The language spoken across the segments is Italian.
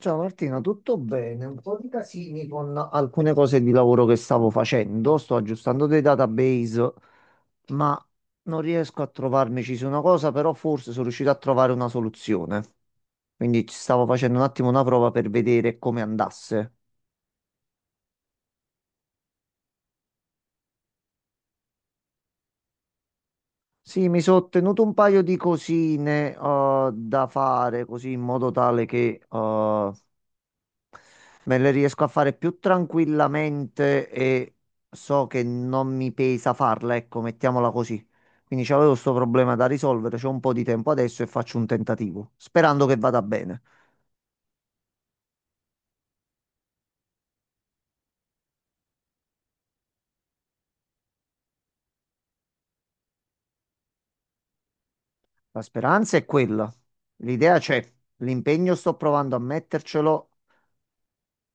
Ciao Martina, tutto bene? Un po' di casini con alcune cose di lavoro che stavo facendo. Sto aggiustando dei database, ma non riesco a trovarmici su una cosa, però forse sono riuscito a trovare una soluzione. Quindi ci stavo facendo un attimo una prova per vedere come andasse. Sì, mi sono ottenuto un paio di cosine da fare, così in modo tale che me le riesco a fare più tranquillamente e so che non mi pesa farla, ecco, mettiamola così. Quindi c'avevo questo problema da risolvere, c'ho un po' di tempo adesso e faccio un tentativo, sperando che vada bene. La speranza è quella, l'idea c'è, l'impegno sto provando a mettercelo,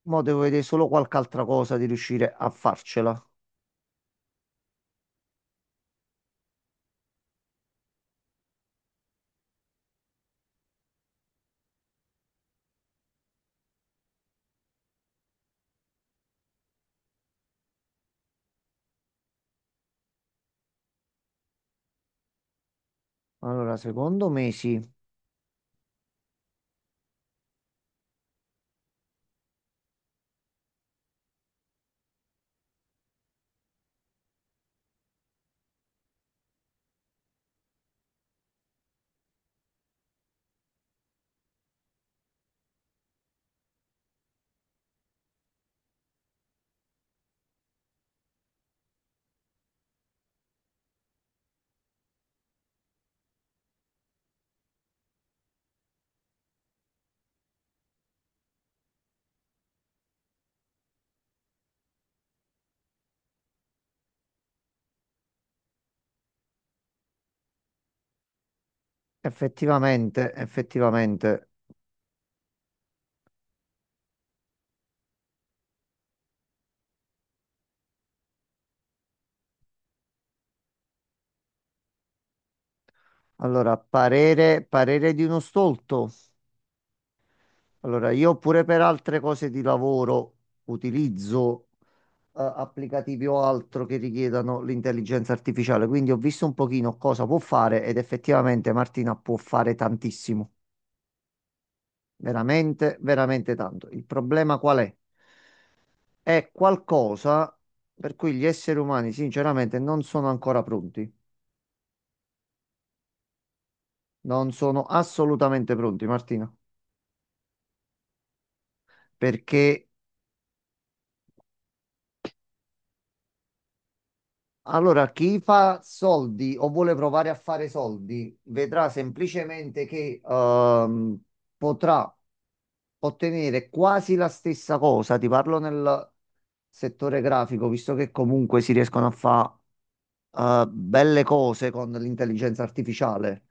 ma devo vedere solo qualche altra cosa di riuscire a farcela. Allora, secondo me sì, effettivamente, effettivamente. Allora, parere di uno stolto. Allora, io pure per altre cose di lavoro utilizzo applicativi o altro che richiedano l'intelligenza artificiale, quindi ho visto un pochino cosa può fare ed effettivamente Martina può fare tantissimo, veramente, veramente tanto. Il problema qual è? È qualcosa per cui gli esseri umani sinceramente non sono ancora pronti, non sono assolutamente pronti, Martina, perché allora, chi fa soldi o vuole provare a fare soldi vedrà semplicemente che potrà ottenere quasi la stessa cosa. Ti parlo nel settore grafico, visto che comunque si riescono a fare belle cose con l'intelligenza artificiale.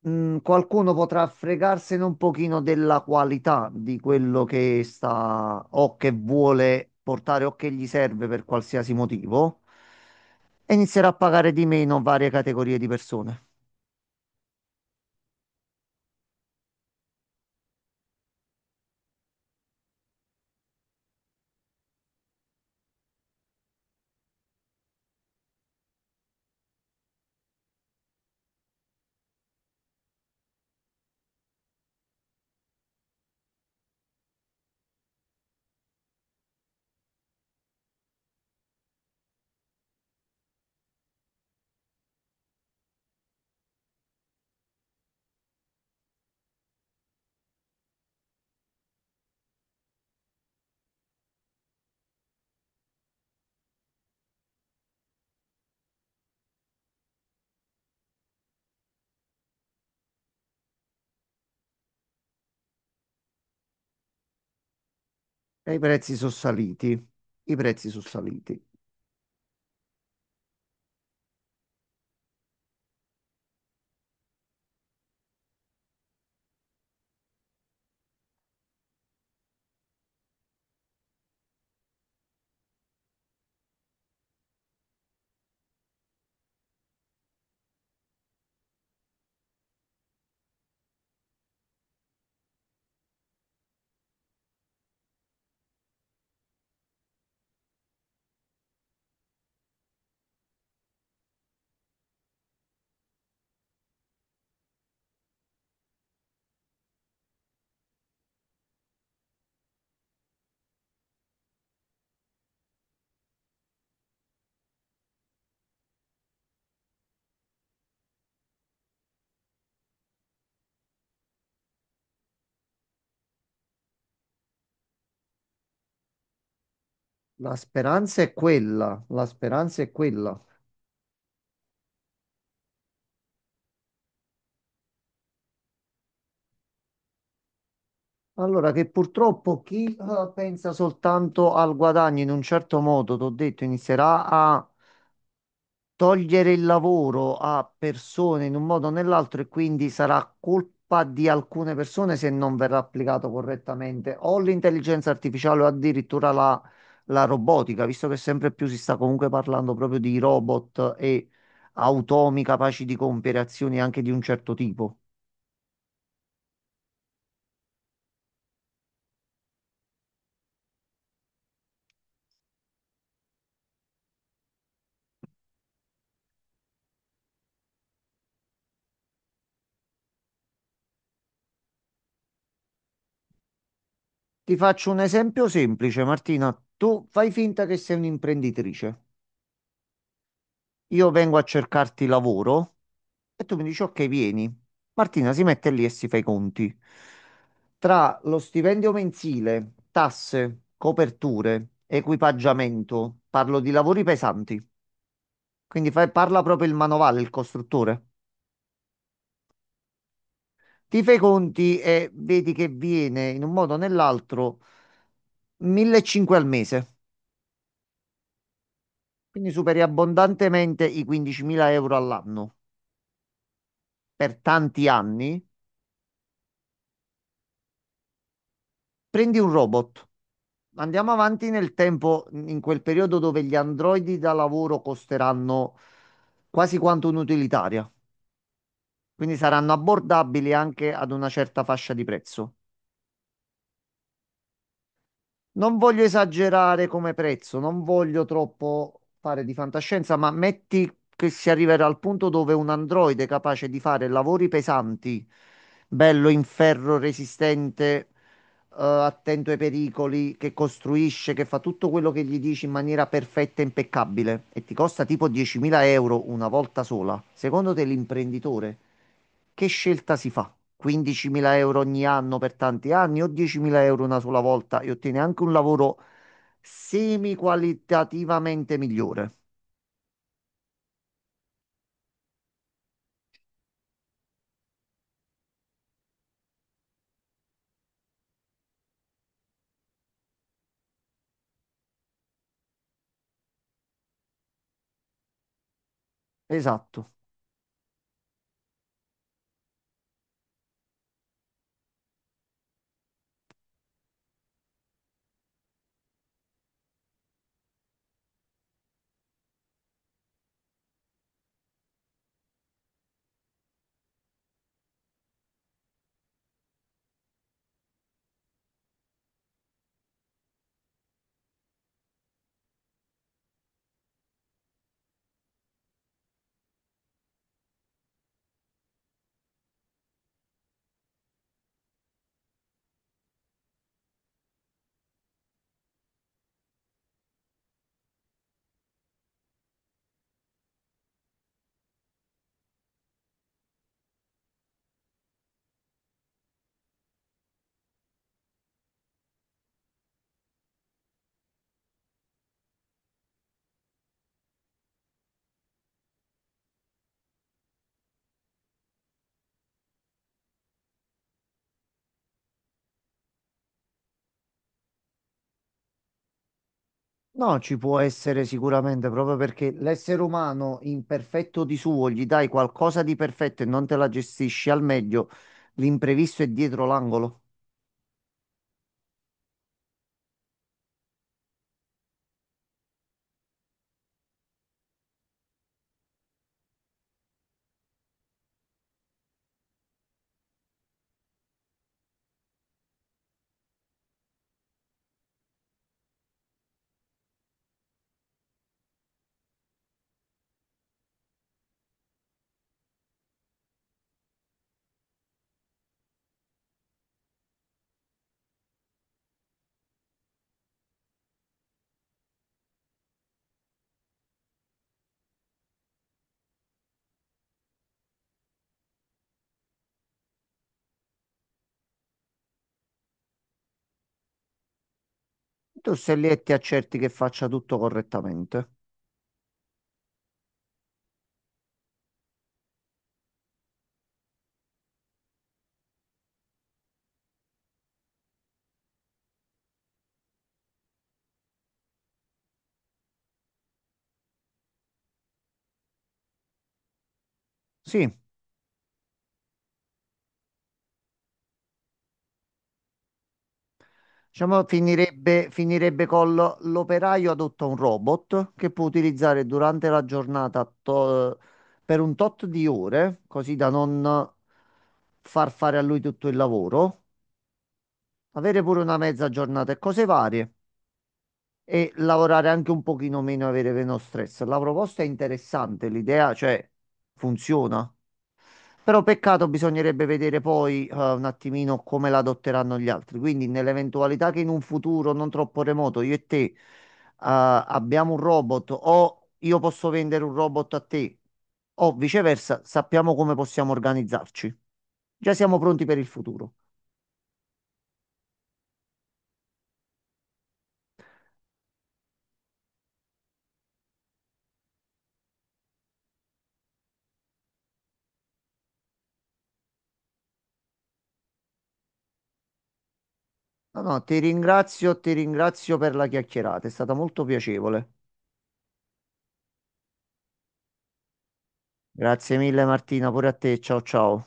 Mh, qualcuno potrà fregarsene un pochino della qualità di quello che sta o che vuole portare o che gli serve per qualsiasi motivo e inizierà a pagare di meno varie categorie di persone. E i prezzi sono saliti. I prezzi sono saliti. La speranza è quella, la speranza è quella. Allora, che purtroppo chi pensa soltanto al guadagno in un certo modo, t'ho detto, inizierà a togliere il lavoro a persone in un modo o nell'altro e quindi sarà colpa di alcune persone se non verrà applicato correttamente o l'intelligenza artificiale o addirittura la robotica, visto che sempre più si sta comunque parlando proprio di robot e automi capaci di compiere azioni anche di un certo tipo. Ti faccio un esempio semplice, Martina. Tu fai finta che sei un'imprenditrice. Io vengo a cercarti lavoro. E tu mi dici, ok, vieni. Martina si mette lì e si fa i conti. Tra lo stipendio mensile, tasse, coperture, equipaggiamento, parlo di lavori pesanti, quindi parla proprio il manovale, il costruttore. Ti fai i conti e vedi che viene in un modo o nell'altro 1.500 al mese, quindi superi abbondantemente i 15.000 euro all'anno per tanti anni. Prendi un robot, andiamo avanti nel tempo, in quel periodo dove gli androidi da lavoro costeranno quasi quanto un'utilitaria, quindi saranno abbordabili anche ad una certa fascia di prezzo. Non voglio esagerare come prezzo, non voglio troppo fare di fantascienza, ma metti che si arriverà al punto dove un androide capace di fare lavori pesanti, bello in ferro resistente, attento ai pericoli, che costruisce, che fa tutto quello che gli dici in maniera perfetta e impeccabile e ti costa tipo 10.000 euro una volta sola, secondo te l'imprenditore che scelta si fa? 15.000 euro ogni anno per tanti anni o 10.000 euro una sola volta e ottiene anche un lavoro semi qualitativamente migliore? Esatto. No, ci può essere sicuramente, proprio perché l'essere umano imperfetto di suo gli dai qualcosa di perfetto e non te la gestisci al meglio, l'imprevisto è dietro l'angolo. Tu sei lì e ti accerti che faccia tutto correttamente. Sì, diciamo finirebbe, l'operaio adotta un robot che può utilizzare durante la giornata per un tot di ore, così da non far fare a lui tutto il lavoro, avere pure una mezza giornata e cose varie, e lavorare anche un pochino meno, avere meno stress. La proposta è interessante, l'idea, cioè, funziona. Però peccato, bisognerebbe vedere poi un attimino come la adotteranno gli altri. Quindi, nell'eventualità che in un futuro non troppo remoto io e te abbiamo un robot o io posso vendere un robot a te o viceversa, sappiamo come possiamo organizzarci. Già siamo pronti per il futuro. No, no, ti ringrazio per la chiacchierata, è stata molto piacevole. Grazie mille Martina, pure a te. Ciao ciao.